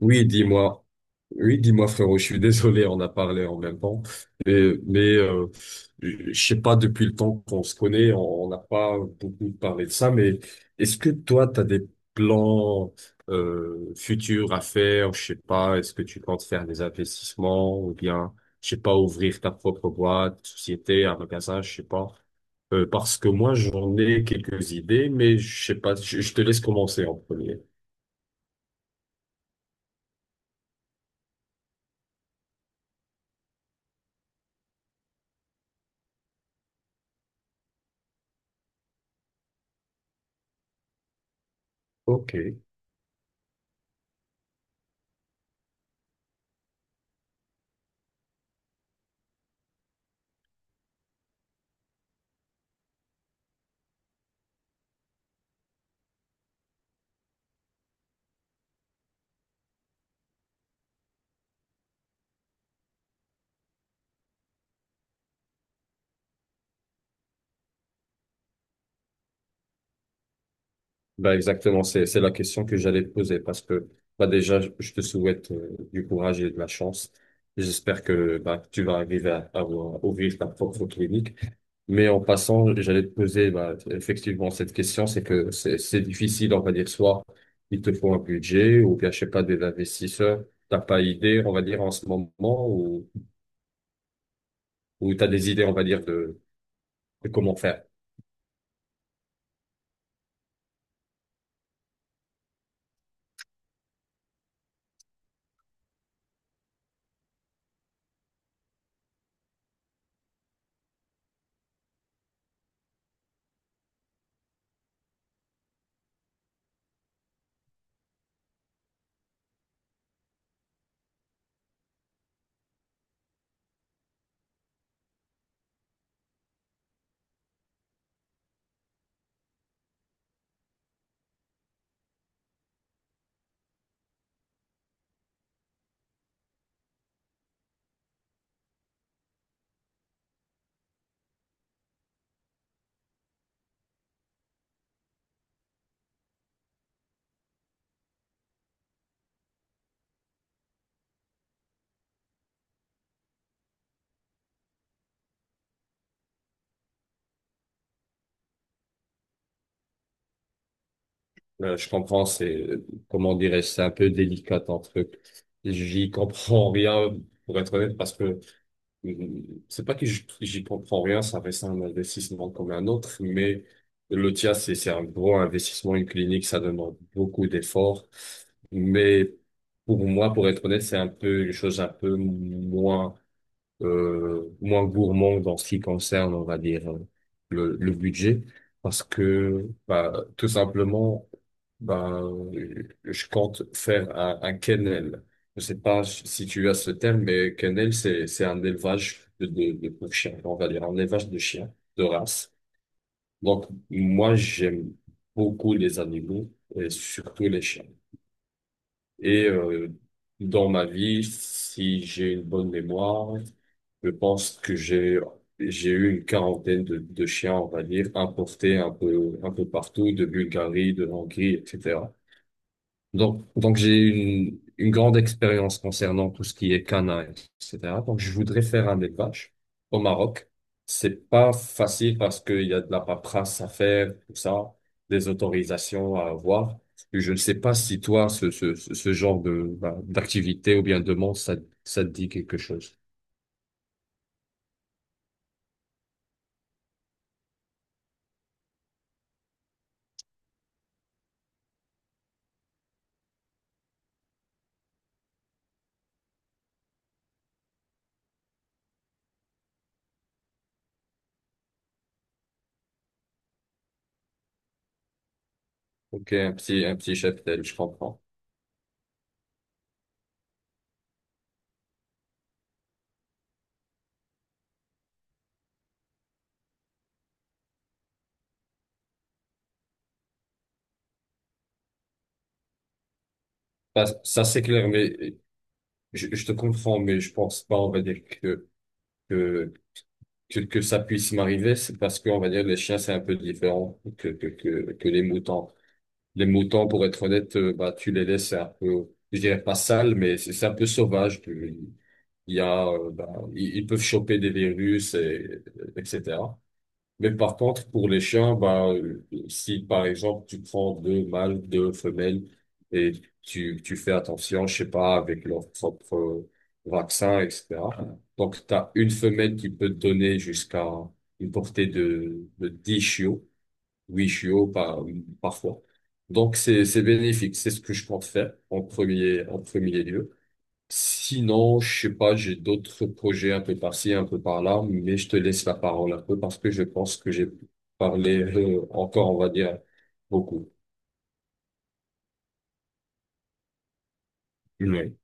Oui, dis-moi. Oui, dis-moi, frérot, je suis désolé, on a parlé en même temps. Mais, mais euh, je sais pas, depuis le temps qu'on se connaît, on n'a pas beaucoup parlé de ça, mais est-ce que toi, tu as des plans futurs à faire? Je sais pas, est-ce que tu comptes faire des investissements ou bien, je sais pas, ouvrir ta propre boîte, société, un magasin, je sais pas. Parce que moi, j'en ai quelques idées, mais je sais pas, je te laisse commencer en premier. Ok, bah exactement, c'est la question que j'allais te poser parce que bah déjà je te souhaite du courage et de la chance. J'espère que bah que tu vas arriver à ouvrir ta propre clinique. Mais en passant, j'allais te poser bah, effectivement cette question, c'est que c'est difficile, on va dire soit il te faut un budget ou bien je sais pas des investisseurs, t'as pas idée, on va dire en ce moment ou t'as des idées, on va dire. Et comment faire? Je comprends, c'est, comment dirais-je, c'est un peu délicat ton truc. J'y comprends rien, pour être honnête, parce que euh, c'est pas que j'y comprends rien, ça reste un investissement comme un autre, mais le tien, c'est un gros investissement, une clinique, ça demande beaucoup d'efforts. Mais pour moi, pour être honnête, c'est un peu une chose un peu moins moins gourmand dans ce qui concerne, on va dire, le budget, parce que bah, tout simplement, bah, je compte faire un kennel. Je sais pas si tu as ce terme, mais kennel, c'est un élevage de pour chiens, on va dire, un élevage de chiens de race. Donc, moi, j'aime beaucoup les animaux et surtout les chiens. Et dans ma vie, si j'ai une bonne mémoire, je pense que j'ai eu une quarantaine de chiens, on va dire, importés un peu partout, de Bulgarie, de Hongrie, etc. Donc j'ai une grande expérience concernant tout ce qui est canin, etc. Donc, je voudrais faire un élevage au Maroc. C'est pas facile parce qu'il y a de la paperasse à faire, tout ça, des autorisations à avoir. Et je ne sais pas si toi, ce genre de, bah, d'activité ou bien de monde, ça te dit quelque chose. Ok, un petit cheptel, je comprends. Bah, ça, c'est clair, mais je te comprends, mais je pense pas, on va dire que, que que ça puisse m'arriver, c'est parce que on va dire les chiens, c'est un peu différent que les moutons. Les moutons, pour être honnête, bah, tu les laisses un peu, je dirais pas sales, mais c'est un peu sauvage. Tu- il y a, bah, ils peuvent choper des virus, et, etc. Mais par contre, pour les chiens, bah, si par exemple tu prends deux mâles, deux femelles et tu fais attention, je sais pas, avec leur propre vaccin, etc. Donc, tu as une femelle qui peut te donner jusqu'à une portée de 10 chiots, huit chiots par, parfois. Donc, c'est bénéfique. C'est ce que je compte faire en premier lieu. Sinon, je sais pas, j'ai d'autres projets un peu par-ci, un peu par-là, mais je te laisse la parole un peu parce que je pense que j'ai parlé encore, on va dire, beaucoup. Oui.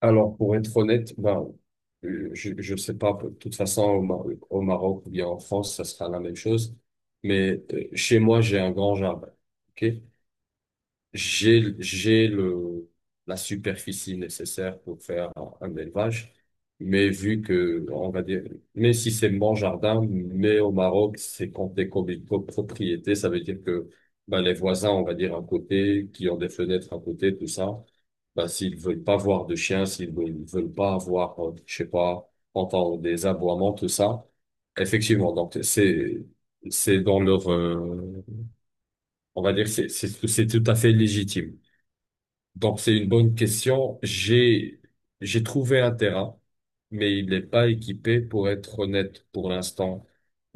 Alors, pour être honnête, ben, je sais pas, de toute façon, au Maroc ou bien en France, ça sera la même chose, mais chez moi, j'ai un grand jardin. Ok. J'ai la superficie nécessaire pour faire un élevage. Mais vu que, on va dire, mais si c'est mon jardin, mais au Maroc, c'est compté comme une copropriété, ça veut dire que, bah, les voisins, on va dire, à côté, qui ont des fenêtres à côté, tout ça, bah, s'ils veulent pas voir de chiens, s'ils veulent pas avoir, je sais pas, entendre des aboiements, tout ça, effectivement, donc, c'est dans leur, on va dire, c'est tout à fait légitime. Donc, c'est une bonne question. J'ai trouvé un terrain, mais il n'est pas équipé pour être honnête pour l'instant.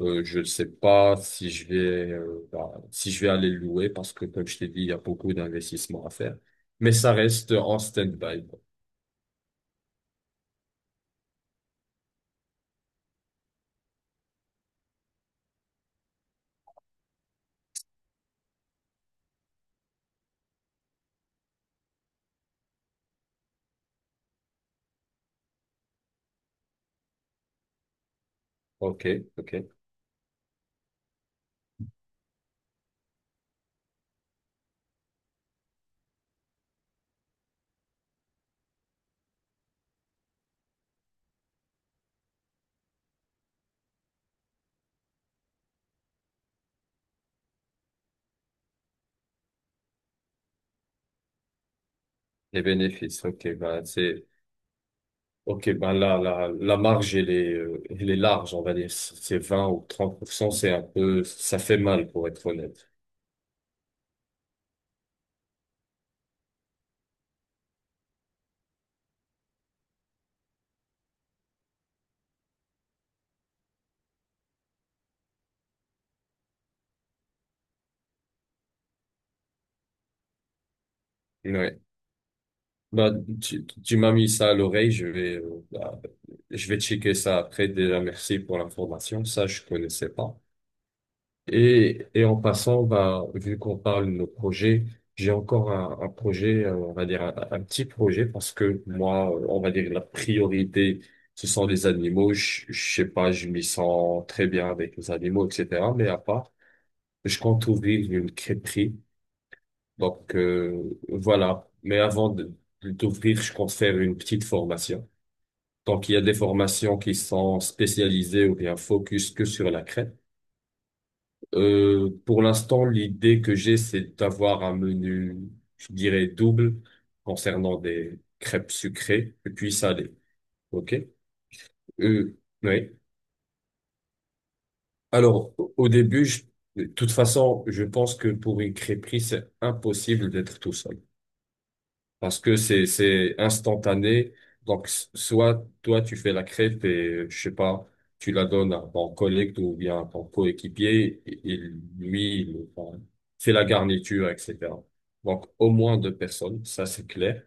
Je ne sais pas si je vais, bah, si je vais aller le louer parce que, comme je t'ai dit, il y a beaucoup d'investissements à faire. Mais ça reste en stand-by. OK, OK. Les bénéfices, OK, ben, c'est, OK, ben, là, la marge, elle est large, on va dire. C'est 20 ou 30%, c'est un peu, ça fait mal pour être honnête. Ouais. Bah, tu m'as mis ça à l'oreille, je vais, bah, je vais checker ça après. Déjà, merci pour l'information. Ça, je connaissais pas. Et en passant, bah, vu qu'on parle de nos projets, j'ai encore un projet, on va dire un petit projet parce que moi, on va dire la priorité, ce sont les animaux. Je sais pas, je m'y sens très bien avec les animaux, etc. Mais à part, je compte ouvrir une crêperie donc voilà. Mais avant de t'ouvrir, je compte faire une petite formation. Donc il y a des formations qui sont spécialisées ou bien focus que sur la crêpe. Pour l'instant, l'idée que j'ai, c'est d'avoir un menu, je dirais, double concernant des crêpes sucrées et puis salées. OK? Euh, oui. Alors, au début, de toute façon, je pense que pour une crêperie, c'est impossible d'être tout seul. Parce que c'est instantané. Donc soit toi tu fais la crêpe et je sais pas, tu la donnes à ton collègue ou bien à ton coéquipier, et lui il enfin, fait la garniture, etc. Donc au moins deux personnes, ça c'est clair.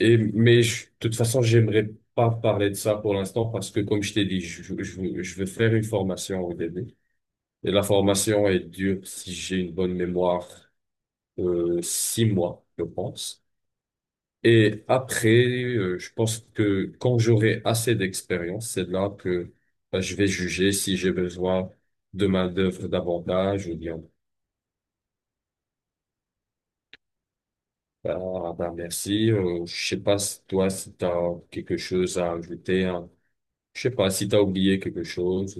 Et mais de toute façon j'aimerais pas parler de ça pour l'instant parce que comme je t'ai dit, je veux faire une formation au début. Et la formation est dure, si j'ai une bonne mémoire, 6 mois, je pense. Et après, je pense que quand j'aurai assez d'expérience, c'est là que bah, je vais juger si j'ai besoin de main-d'œuvre davantage ou bien, bah, ah, bah, merci. Je sais pas si toi, si t'as quelque chose à ajouter, hein. Je sais pas si t'as oublié quelque chose.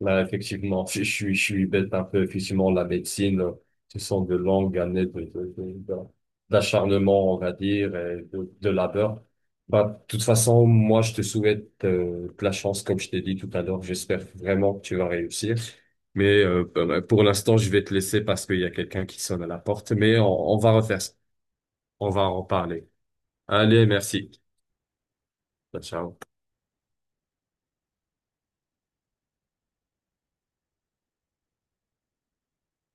Là, effectivement, je suis bête un peu. Effectivement, la médecine, ce sont de longues années de d'acharnement, on va dire, et de labeur. Bah, de toute façon, moi, je te souhaite de la chance, comme je t'ai dit tout à l'heure. J'espère vraiment que tu vas réussir. Mais bah, bah, pour l'instant, je vais te laisser parce qu'il y a quelqu'un qui sonne à la porte. Mais on va refaire ça. On va en parler. Allez, merci. Bah, ciao.